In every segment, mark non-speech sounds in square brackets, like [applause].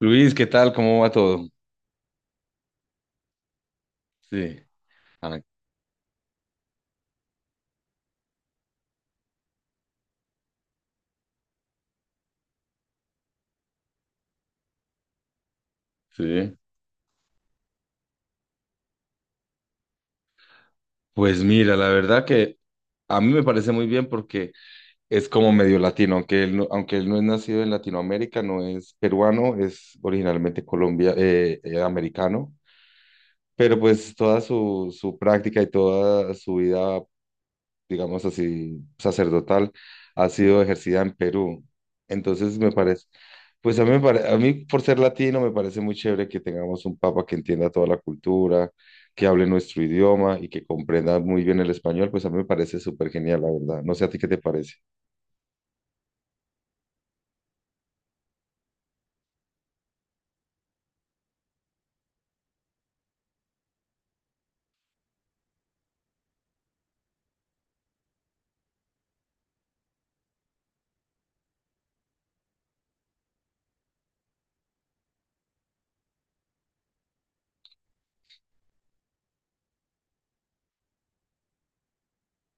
Luis, ¿qué tal? ¿Cómo va todo? Sí, ah, sí. Pues mira, la verdad que a mí me parece muy bien porque es como medio latino, aunque él no es nacido en Latinoamérica, no es peruano, es originalmente Colombia, americano, pero pues toda su práctica y toda su vida, digamos así, sacerdotal, ha sido ejercida en Perú. Entonces me parece, pues a mí, a mí por ser latino me parece muy chévere que tengamos un papa que entienda toda la cultura, que hable nuestro idioma y que comprenda muy bien el español, pues a mí me parece súper genial, la verdad. No sé a ti qué te parece.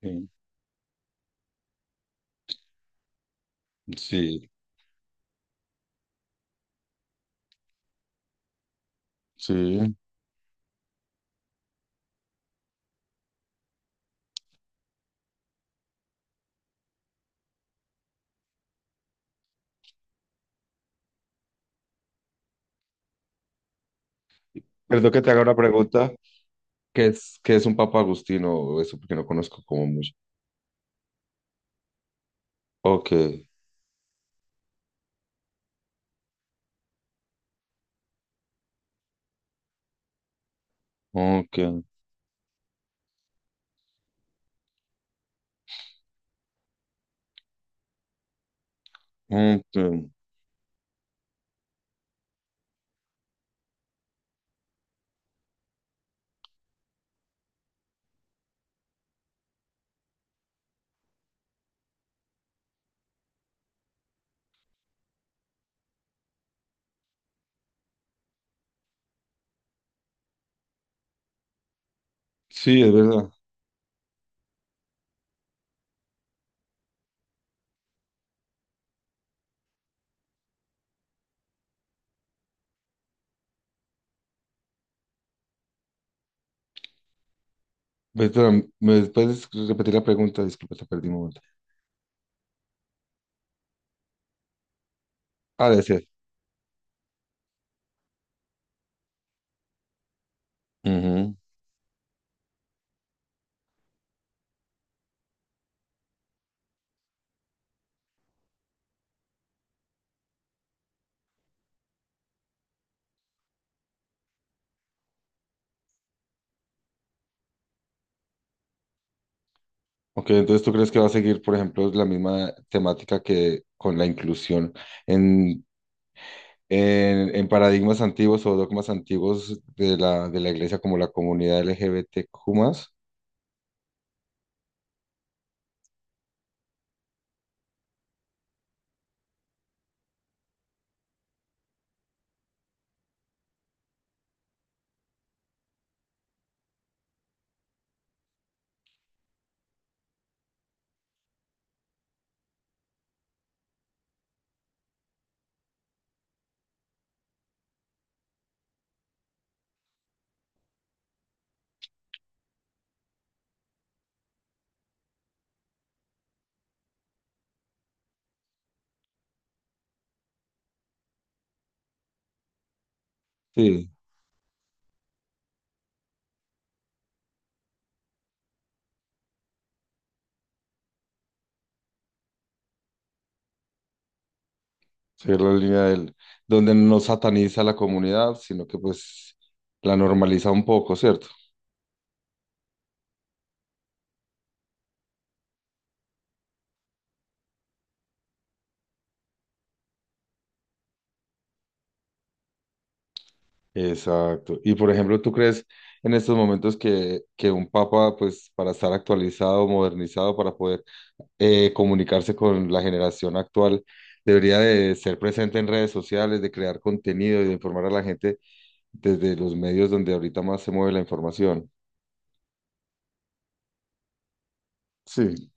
Sí, sí, sí. Perdón que te haga una pregunta. ¿Qué es un papa agustino? Eso porque no conozco como mucho. Ok, ok, ok. Sí, es verdad. Espera, ¿me puedes repetir la pregunta? Disculpa, te perdí un momento. Ah, decías. Ujú. Ok, entonces tú crees que va a seguir, por ejemplo, la misma temática que con la inclusión en, en paradigmas antiguos o dogmas antiguos de la iglesia, como la comunidad L G B T Q más. Sí, seguir la línea del, donde no sataniza a la comunidad, sino que pues la normaliza un poco, ¿cierto? Exacto. Y por ejemplo, ¿tú crees en estos momentos que un papa, pues para estar actualizado, modernizado, para poder comunicarse con la generación actual, debería de ser presente en redes sociales, de crear contenido y de informar a la gente desde los medios donde ahorita más se mueve la información? Sí,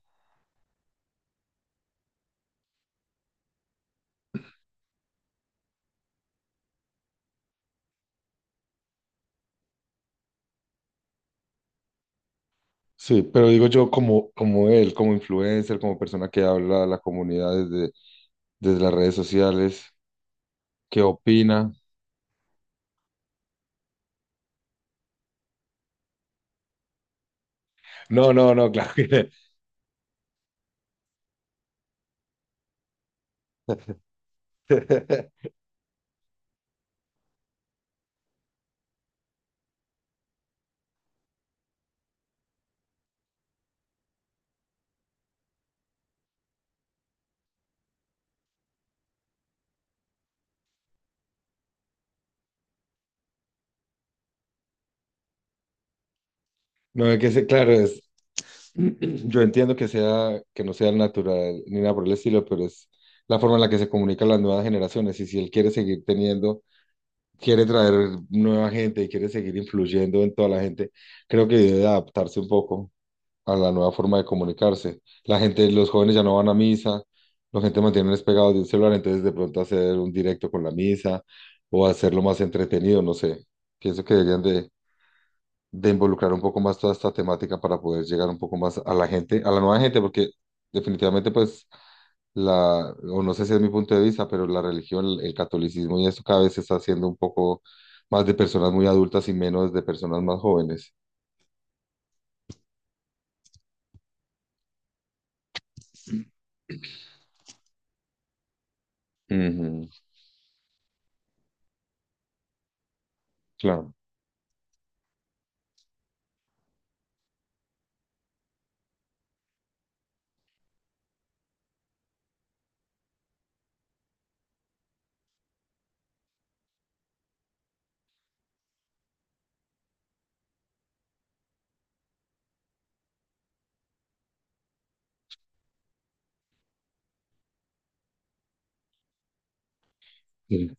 sí, pero digo yo como, como él, como influencer, como persona que habla a la comunidad desde, desde las redes sociales, ¿qué opina? No, no, no, claro que [laughs] no. No, es que ese, claro, es, [clears throat] yo entiendo que sea, que no sea natural ni nada por el estilo, pero es la forma en la que se comunican las nuevas generaciones. Y si él quiere seguir teniendo, quiere traer nueva gente y quiere seguir influyendo en toda la gente, creo que debe adaptarse un poco a la nueva forma de comunicarse. La gente, los jóvenes ya no van a misa, la gente mantiene pegados de un celular, entonces de pronto hacer un directo con la misa o hacerlo más entretenido, no sé. Pienso que deberían de involucrar un poco más toda esta temática para poder llegar un poco más a la gente, a la nueva gente, porque definitivamente pues la, o no sé si es mi punto de vista, pero la religión, el catolicismo y eso cada vez se está haciendo un poco más de personas muy adultas y menos de personas más jóvenes. Ujú, claro. Sí,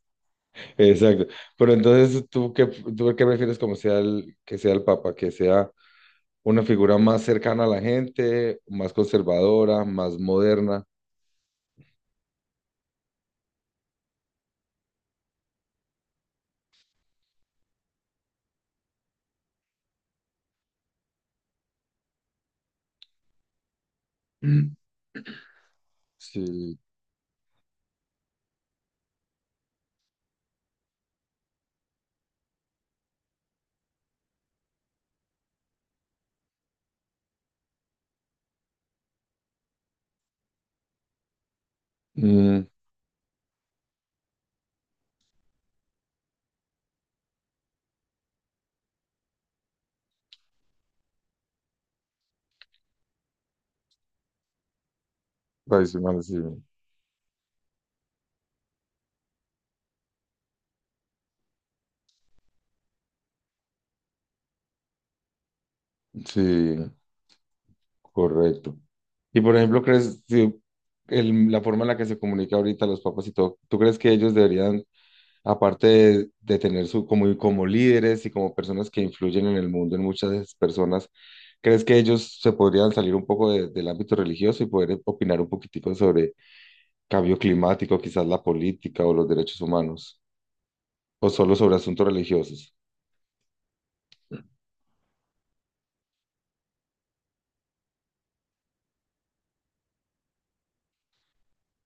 exacto. Pero entonces, ¿tú qué prefieres como sea el, que sea el Papa? ¿Que sea una figura más cercana a la gente, más conservadora, más moderna? [clears throat] Sí. Mm, tradicionales, sí, sí, sí, correcto. Y por ejemplo, ¿crees si la forma en la que se comunica ahorita los papas y todo, ¿tú crees que ellos deberían, aparte de tener su, como, como líderes y como personas que influyen en el mundo en muchas personas, ¿crees que ellos se podrían salir un poco del ámbito religioso y poder opinar un poquitico sobre cambio climático, quizás la política o los derechos humanos, o solo sobre asuntos religiosos?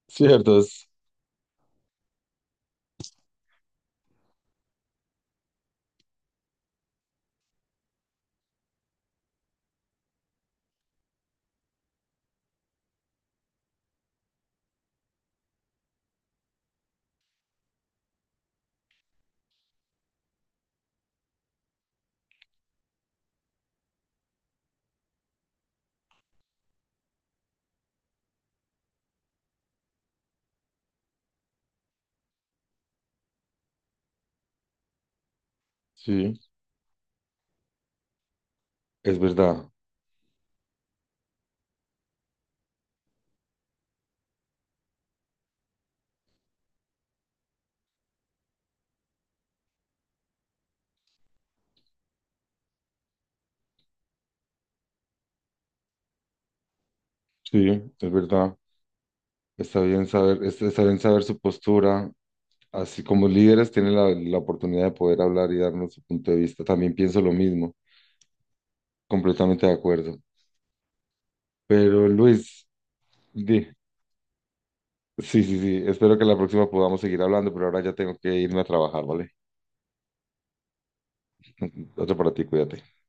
Ciertos, sí, es verdad, sí, es verdad. Está bien saber, está bien saber su postura. Así como líderes tienen la, la oportunidad de poder hablar y darnos su punto de vista. También pienso lo mismo, completamente de acuerdo. Pero Luis, di- sí, sí, sí, espero que la próxima podamos seguir hablando, pero ahora ya tengo que irme a trabajar, ¿vale? Otro para ti, cuídate.